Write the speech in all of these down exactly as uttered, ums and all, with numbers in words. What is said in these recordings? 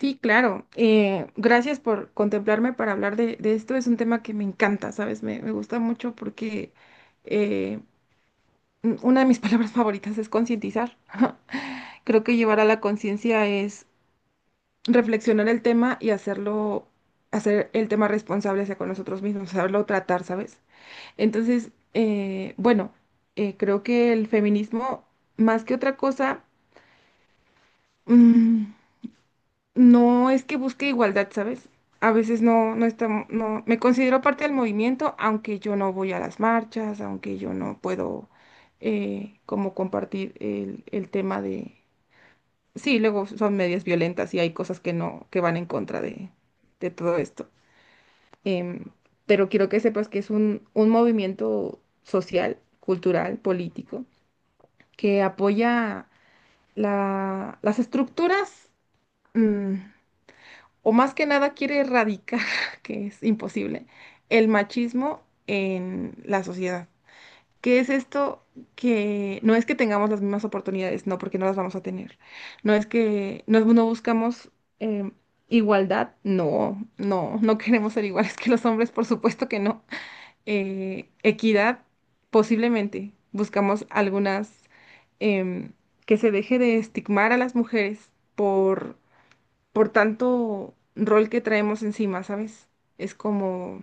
Sí, claro. Eh, gracias por contemplarme para hablar de, de esto. Es un tema que me encanta, ¿sabes? Me, me gusta mucho porque eh, un- una de mis palabras favoritas es concientizar. Creo que llevar a la conciencia es reflexionar el tema y hacerlo, hacer el tema responsable hacia con nosotros mismos, saberlo tratar, ¿sabes? Entonces, eh, bueno, eh, creo que el feminismo, más que otra cosa, mm, No es que busque igualdad, ¿sabes? A veces no, no está, no, me considero parte del movimiento, aunque yo no voy a las marchas, aunque yo no puedo eh, como compartir el, el tema de, sí, luego son medias violentas y hay cosas que no, que van en contra de, de todo esto. Em, pero quiero que sepas que es un, un movimiento social, cultural, político, que apoya la- las estructuras. mm, o más que nada quiere erradicar, que es imposible, el machismo en la sociedad. ¿Qué es esto? Que no es que tengamos las mismas oportunidades, no, porque no las vamos a tener. No es que no, no buscamos em, igualdad, no, no, no queremos ser iguales que los hombres, por supuesto que no. Eh, equidad, posiblemente. Buscamos algunas em, que se deje de estigmar a las mujeres por por tanto rol que traemos encima, ¿sabes? Es como,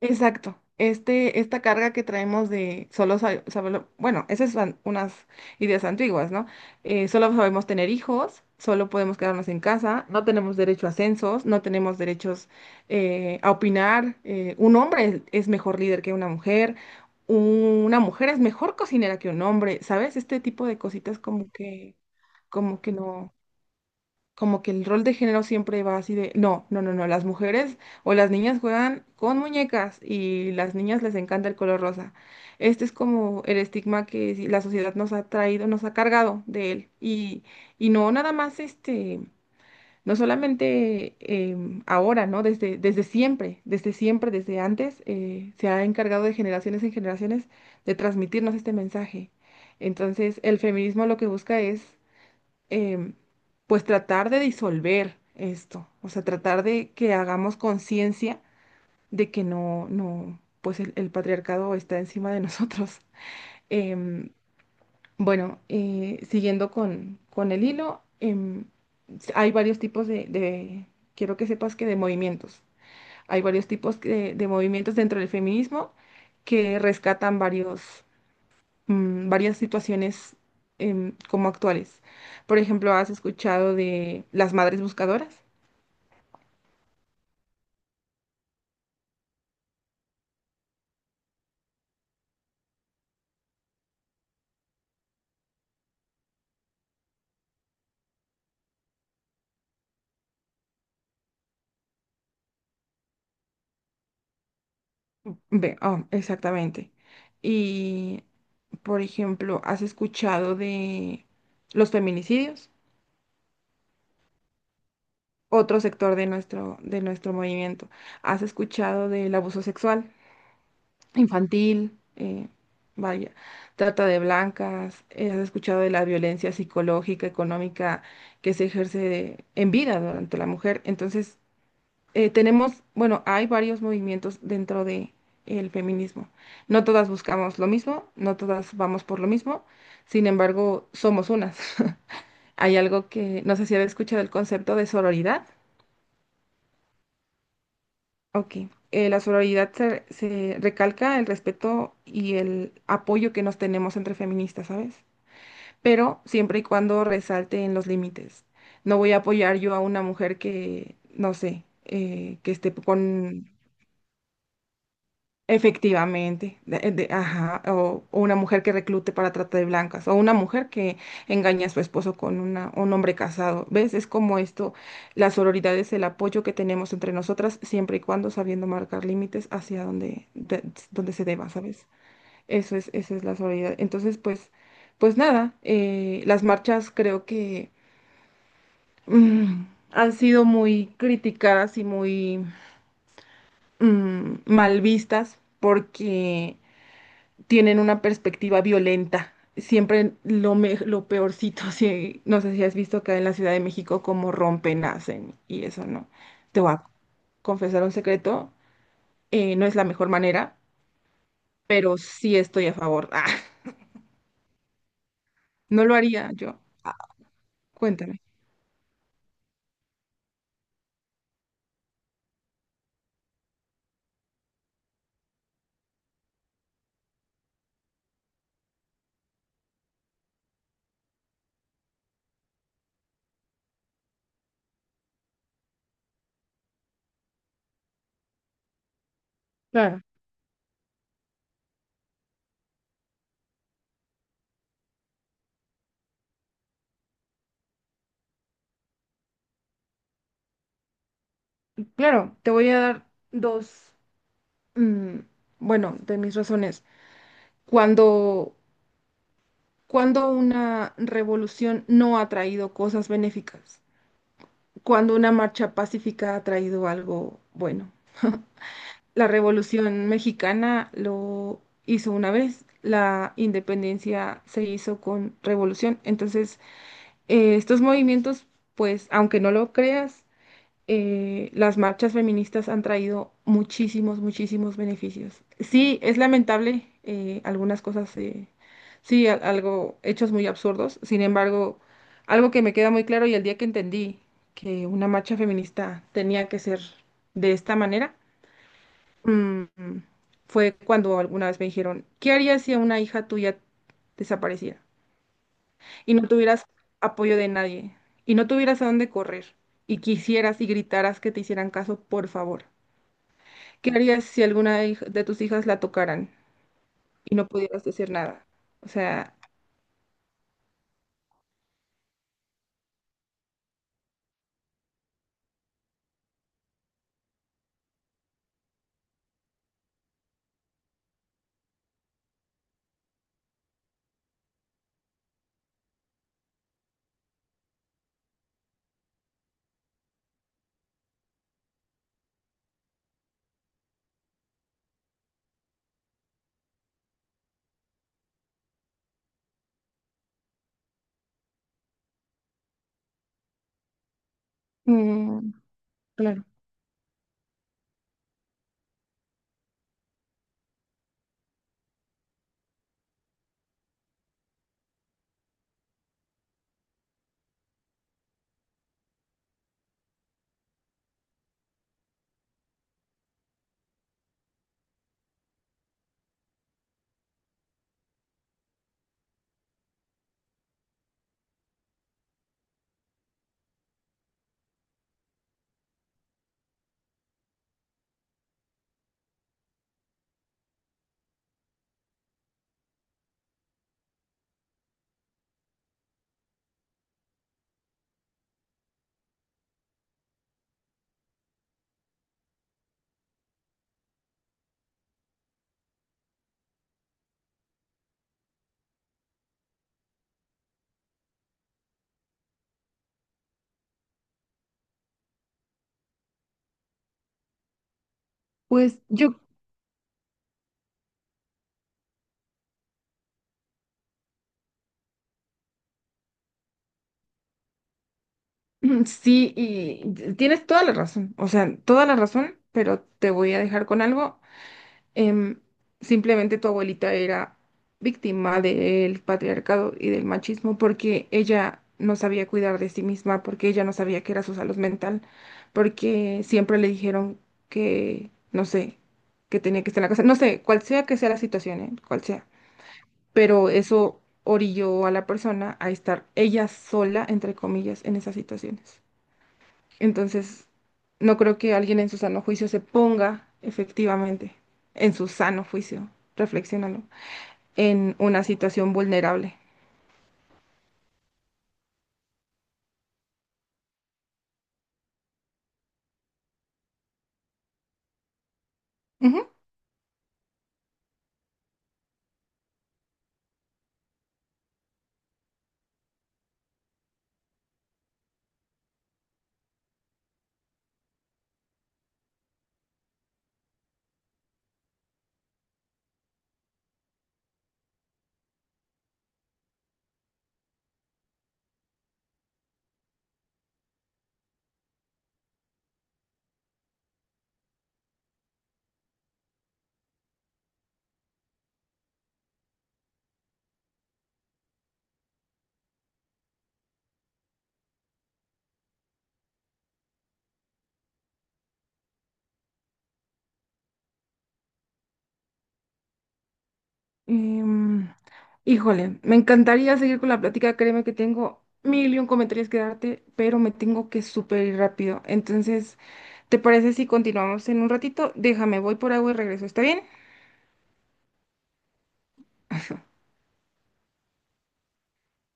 exacto, este, esta carga que traemos de solo sa- saberlo, bueno, esas son unas ideas antiguas, ¿no? Eh, solo sabemos tener hijos, solo podemos quedarnos en casa, no tenemos derecho a censos, no tenemos derechos eh, a opinar, eh, un hombre es mejor líder que una mujer. Una mujer es mejor cocinera que un hombre, ¿sabes? Este tipo de cositas como que, como que no. Como que el rol de género siempre va así de, no, no, no, no, las mujeres o las niñas juegan con muñecas y las niñas les encanta el color rosa. Este es como el estigma que sí- la sociedad nos ha traído, nos ha cargado de él. Y, y no nada más este, no solamente em, ahora, ¿no? Desde, desde siempre, desde siempre, desde antes, eh, se ha encargado de generaciones en generaciones de transmitirnos este mensaje. Entonces, el feminismo lo que busca es em, pues tratar de disolver esto, o sea, tratar de que hagamos conciencia de que no, no, pues el, el patriarcado está encima de nosotros. Em, bueno, eh, siguiendo con, con el hilo, em, s- hay varios tipos de, de- quiero que sepas que de movimientos. Hay varios tipos que- de, movimientos dentro del feminismo que rescatan varios mm, varias situaciones em, como actuales. Por ejemplo, ¿has escuchado de las madres buscadoras? Ve, oh, exactamente. Y, por ejemplo, ¿has escuchado de los feminicidios? Otro sector de nuestro, de nuestro movimiento. ¿Has escuchado del abuso sexual infantil? Eh, vaya, trata de blancas. Eh, ¿Has escuchado de la violencia psicológica, económica que se ejerce en vida durante la mujer? Entonces, eh, tenemos, bueno, hay varios movimientos dentro de el feminismo. No todas buscamos lo mismo, no todas vamos por lo mismo, sin embargo, somos unas. Hay algo que no sé si habéis escuchado el concepto de sororidad. Ok. Eh, la sororidad se, se recalca el respeto y el apoyo que nos tenemos entre feministas, ¿sabes? Pero siempre y cuando resalte en los límites. No voy a apoyar yo a una mujer que, no sé, eh, que esté con efectivamente, de- eh, de- ajá, o, o una mujer que reclute para trata de blancas, o una mujer que engaña a su esposo con una, un hombre casado. ¿Ves? Es como esto, la sororidad es el apoyo que tenemos entre nosotras, siempre y cuando sabiendo marcar límites hacia donde, de- donde se deba, ¿sabes? Eso es, eso es la sororidad. Entonces, pues, pues nada, eh, las marchas creo que mm, han sido muy criticadas y muy mm, mal vistas porque tienen una perspectiva violenta. Siempre lo, me- lo peorcito, si, no sé si has visto acá en la Ciudad de México cómo rompen, hacen y eso no. Te voy a confesar un secreto, eh, no es la mejor manera, pero sí estoy a favor. Ah, no lo haría yo. Cuéntame. Claro, claro, te voy a dar dos, mm, bueno, de mis razones. Cuando, cuando una revolución no ha traído cosas benéficas. Cuando una marcha pacífica ha traído algo bueno. La Revolución Mexicana lo hizo una vez, la independencia se hizo con revolución. Entonces, eh, estos movimientos, pues, aunque no lo creas, eh, las marchas feministas han traído muchísimos, muchísimos beneficios. Sí, es lamentable eh, algunas cosas, eh, sí, al- algo, hechos muy absurdos. Sin embargo, algo que me queda muy claro y el día que entendí que una marcha feminista tenía que ser de esta manera, mm, fue cuando alguna vez me dijeron, ¿qué harías si a una hija tuya desapareciera? Y no tuvieras apoyo de nadie y no tuvieras a dónde correr y quisieras y gritaras que te hicieran caso, por favor. ¿Qué harías si alguna hij- de tus hijas la tocaran y no pudieras decir nada? O sea, mm, claro. Pues yo, sí, y tienes toda la razón, o sea, toda la razón, pero te voy a dejar con algo Em, Simplemente tu abuelita era víctima del patriarcado y del machismo porque ella no sabía cuidar de sí misma, porque ella no sabía qué era su salud mental, porque siempre le dijeron que, no sé, que tenía que estar en la casa, no sé, cual sea que sea la situación, ¿eh? Cual sea. Pero eso orilló a la persona a estar ella sola, entre comillas, en esas situaciones. Entonces, no creo que alguien en su sano juicio se ponga efectivamente, en su sano juicio, reflexiónalo, en una situación vulnerable. Ujú. Em, híjole, me encantaría seguir con la plática, créeme que tengo mil y un comentarios que darte, pero me tengo que súper ir rápido. Entonces, ¿te parece si continuamos en un ratito? Déjame, voy por agua y regreso, ¿está bien?